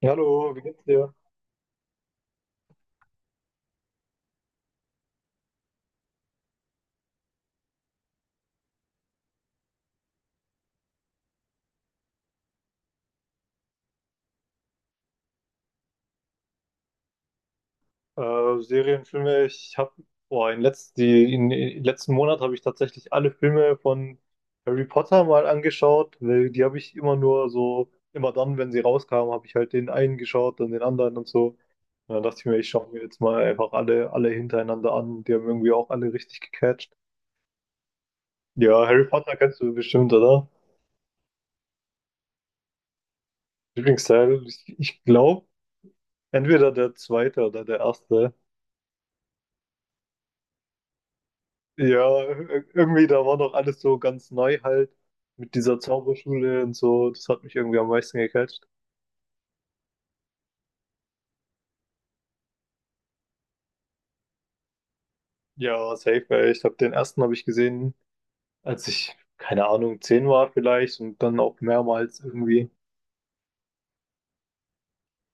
Ja, hallo, wie geht's dir? Serien, Filme, ich habe, boah, in letz die, in letzten Monat habe ich tatsächlich alle Filme von Harry Potter mal angeschaut, weil die habe ich immer nur so, immer dann, wenn sie rauskamen, habe ich halt den einen geschaut und den anderen und so. Und dann dachte ich mir, ich schaue mir jetzt mal einfach alle hintereinander an. Die haben irgendwie auch alle richtig gecatcht. Ja, Harry Potter kennst du bestimmt, oder? Lieblingsteil, ich glaube, entweder der zweite oder der erste. Ja, irgendwie, da war noch alles so ganz neu halt mit dieser Zauberschule und so. Das hat mich irgendwie am meisten gecatcht. Ja, safe, ey. Ich habe den ersten habe ich gesehen, als ich, keine Ahnung, 10 war vielleicht, und dann auch mehrmals irgendwie.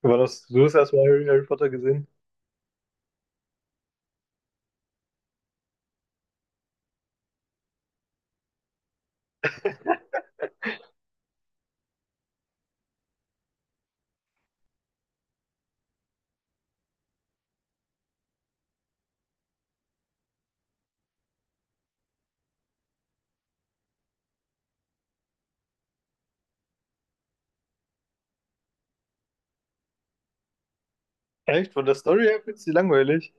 War das, du hast erstmal Harry Potter gesehen? Echt? Von der Story her findest du die langweilig?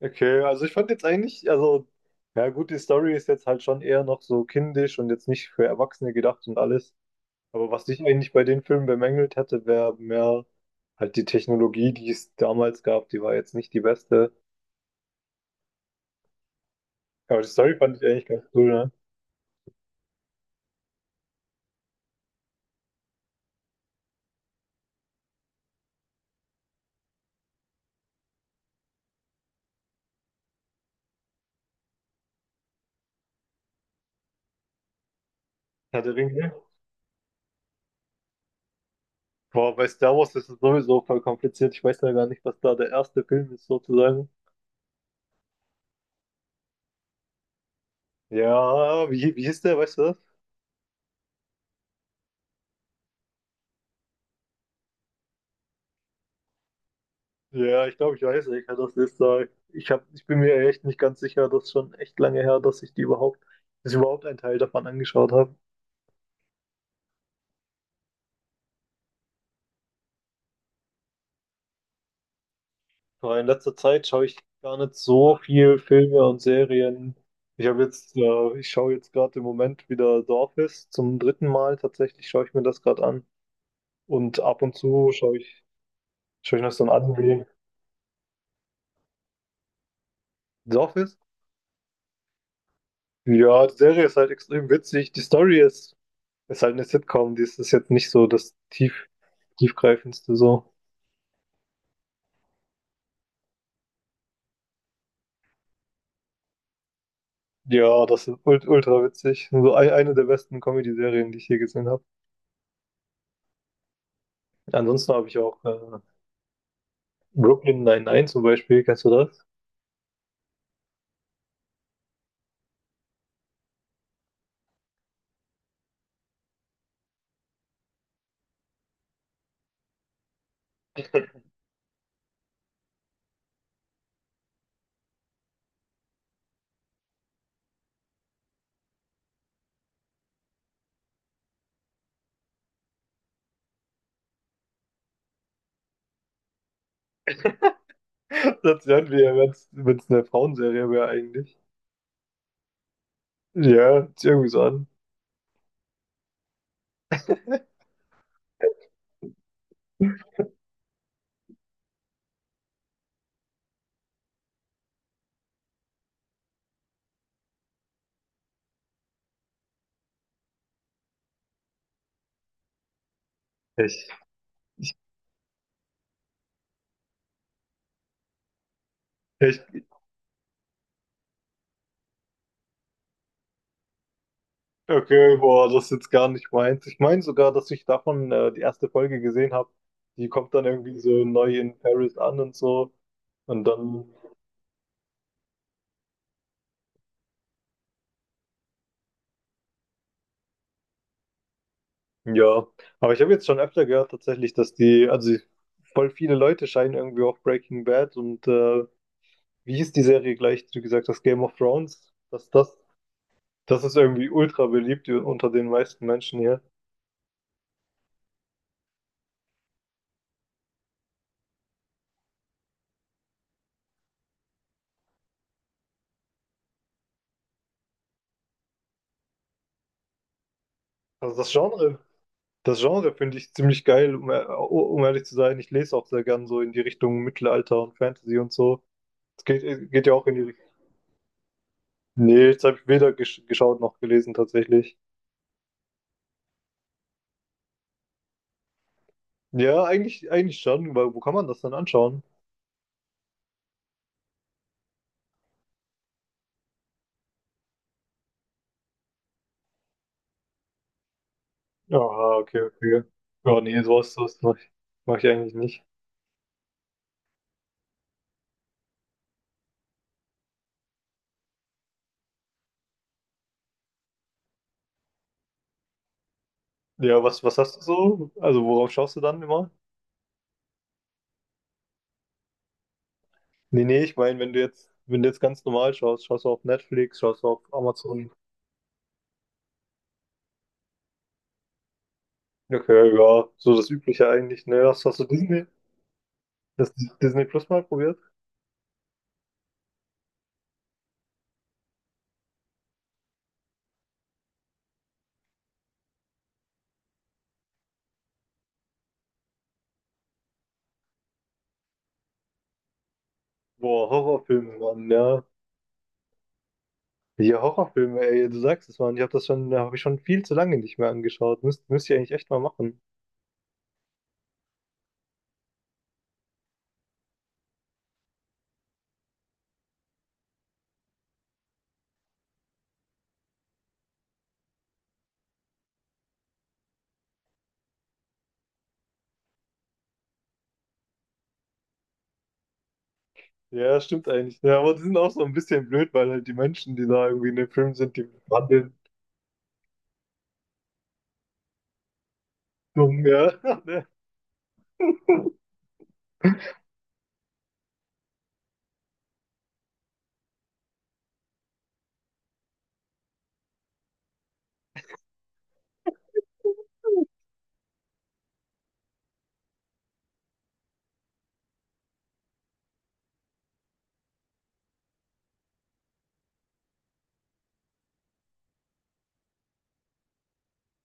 Okay, also ich fand jetzt eigentlich, also, ja gut, die Story ist jetzt halt schon eher noch so kindisch und jetzt nicht für Erwachsene gedacht und alles. Aber was ich eigentlich bei den Filmen bemängelt hätte, wäre mehr halt die Technologie, die es damals gab, die war jetzt nicht die beste. Aber die Story fand ich eigentlich ganz cool, ne? Herr der Ringe. Boah, bei Star Wars ist es sowieso voll kompliziert. Ich weiß ja gar nicht, was da der erste Film ist, sozusagen. Ja, wie hieß der, weißt du das? Ja, ich glaube, ich weiß, ich kann das nicht sagen. Ich bin mir echt nicht ganz sicher, das ist schon echt lange her, dass ich überhaupt einen Teil davon angeschaut habe. Aber in letzter Zeit schaue ich gar nicht so viel Filme und Serien. Ich schaue jetzt gerade im Moment wieder The Office zum 3. Mal. Tatsächlich schaue ich mir das gerade an. Und ab und zu schaue ich noch so ein Anime. The Office? Ja, die Serie ist halt extrem witzig. Die Story ist, ist halt eine Sitcom. Die ist jetzt nicht so das tiefgreifendste so. Ja, das ist ultra witzig. So eine der besten Comedy-Serien, die ich je gesehen habe. Ansonsten habe ich auch Brooklyn Nine-Nine zum Beispiel. Kennst du das? Das wären wir ja, wenn es eine Frauenserie wäre eigentlich. Ja, ist irgendwie so an. Ich, ich, okay, boah, das ist jetzt gar nicht meins. Ich meine sogar, dass ich davon die erste Folge gesehen habe. Die kommt dann irgendwie so neu in Paris an und so. Und dann, ja. Aber ich habe jetzt schon öfter gehört tatsächlich, dass die, also voll viele Leute scheinen irgendwie auf Breaking Bad und wie hieß die Serie gleich, die du gesagt hast, Game of Thrones, dass das ist irgendwie ultra beliebt unter den meisten Menschen hier. Also das Genre finde ich ziemlich geil, um ehrlich zu sein. Ich lese auch sehr gern so in die Richtung Mittelalter und Fantasy und so. Es geht ja auch in die Richtung. Nee, jetzt habe ich weder geschaut noch gelesen tatsächlich. Ja, eigentlich schon, weil wo kann man das dann anschauen? Aha, okay, okay. Ja, nee, sowas mach ich eigentlich nicht. Ja, was hast du so? Also worauf schaust du dann immer? Nee, nee, ich meine, wenn du jetzt ganz normal schaust, schaust du auf Netflix, schaust du auf Amazon? Okay, ja, so das Übliche eigentlich, ne? Hast du Disney, das Disney Plus mal probiert? Boah, Horrorfilme, Mann, ja. Ja, Horrorfilme, ey, du sagst es, Mann. Ich habe das schon, habe ich schon viel zu lange nicht mehr angeschaut. Müsst ihr eigentlich echt mal machen. Ja, stimmt eigentlich. Ja, aber die sind auch so ein bisschen blöd, weil halt die Menschen, die da irgendwie in dem Film sind, die wandeln dumm, ja.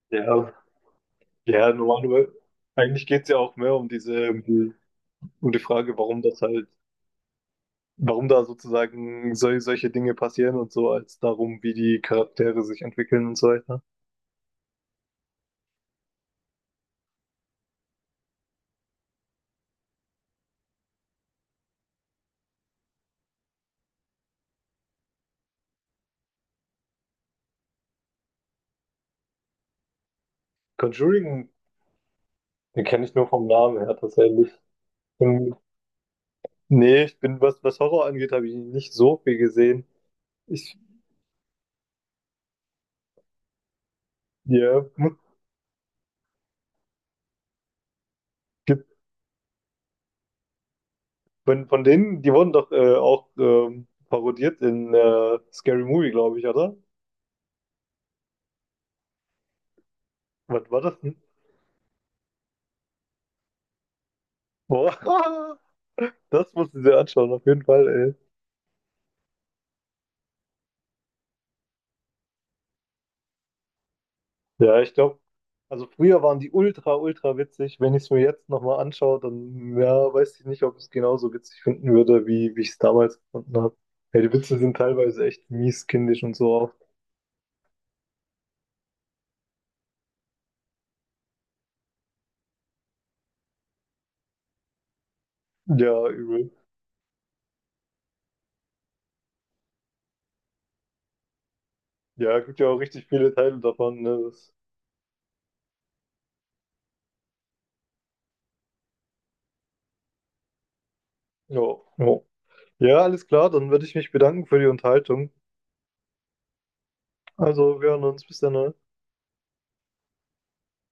Ja, ja, normalerweise. Aber eigentlich geht's ja auch mehr um diese, um die Frage, warum das halt warum da sozusagen solche Dinge passieren und so, als darum, wie die Charaktere sich entwickeln und so weiter. Conjuring, den kenne ich nur vom Namen her tatsächlich. Ähm, Nee, ich bin, was, was Horror angeht, habe ich nicht so viel gesehen. Ich, ja, hm, gibt- von denen, die wurden doch auch parodiert in Scary Movie, glaube ich, oder? Was war das denn? Boah, das musst du dir anschauen, auf jeden Fall, ey. Ja, ich glaube, also früher waren die ultra witzig. Wenn ich es mir jetzt nochmal anschaue, dann ja, weiß ich nicht, ob ich es genauso witzig finden würde, wie ich es damals gefunden habe. Ja, die Witze sind teilweise echt mies, kindisch und so auch. Ja, übel. Ja, gibt ja auch richtig viele Teile davon. Ne? Das, ja, ja. Ja, alles klar, dann würde ich mich bedanken für die Unterhaltung. Also, wir hören uns. Bis dann, ne?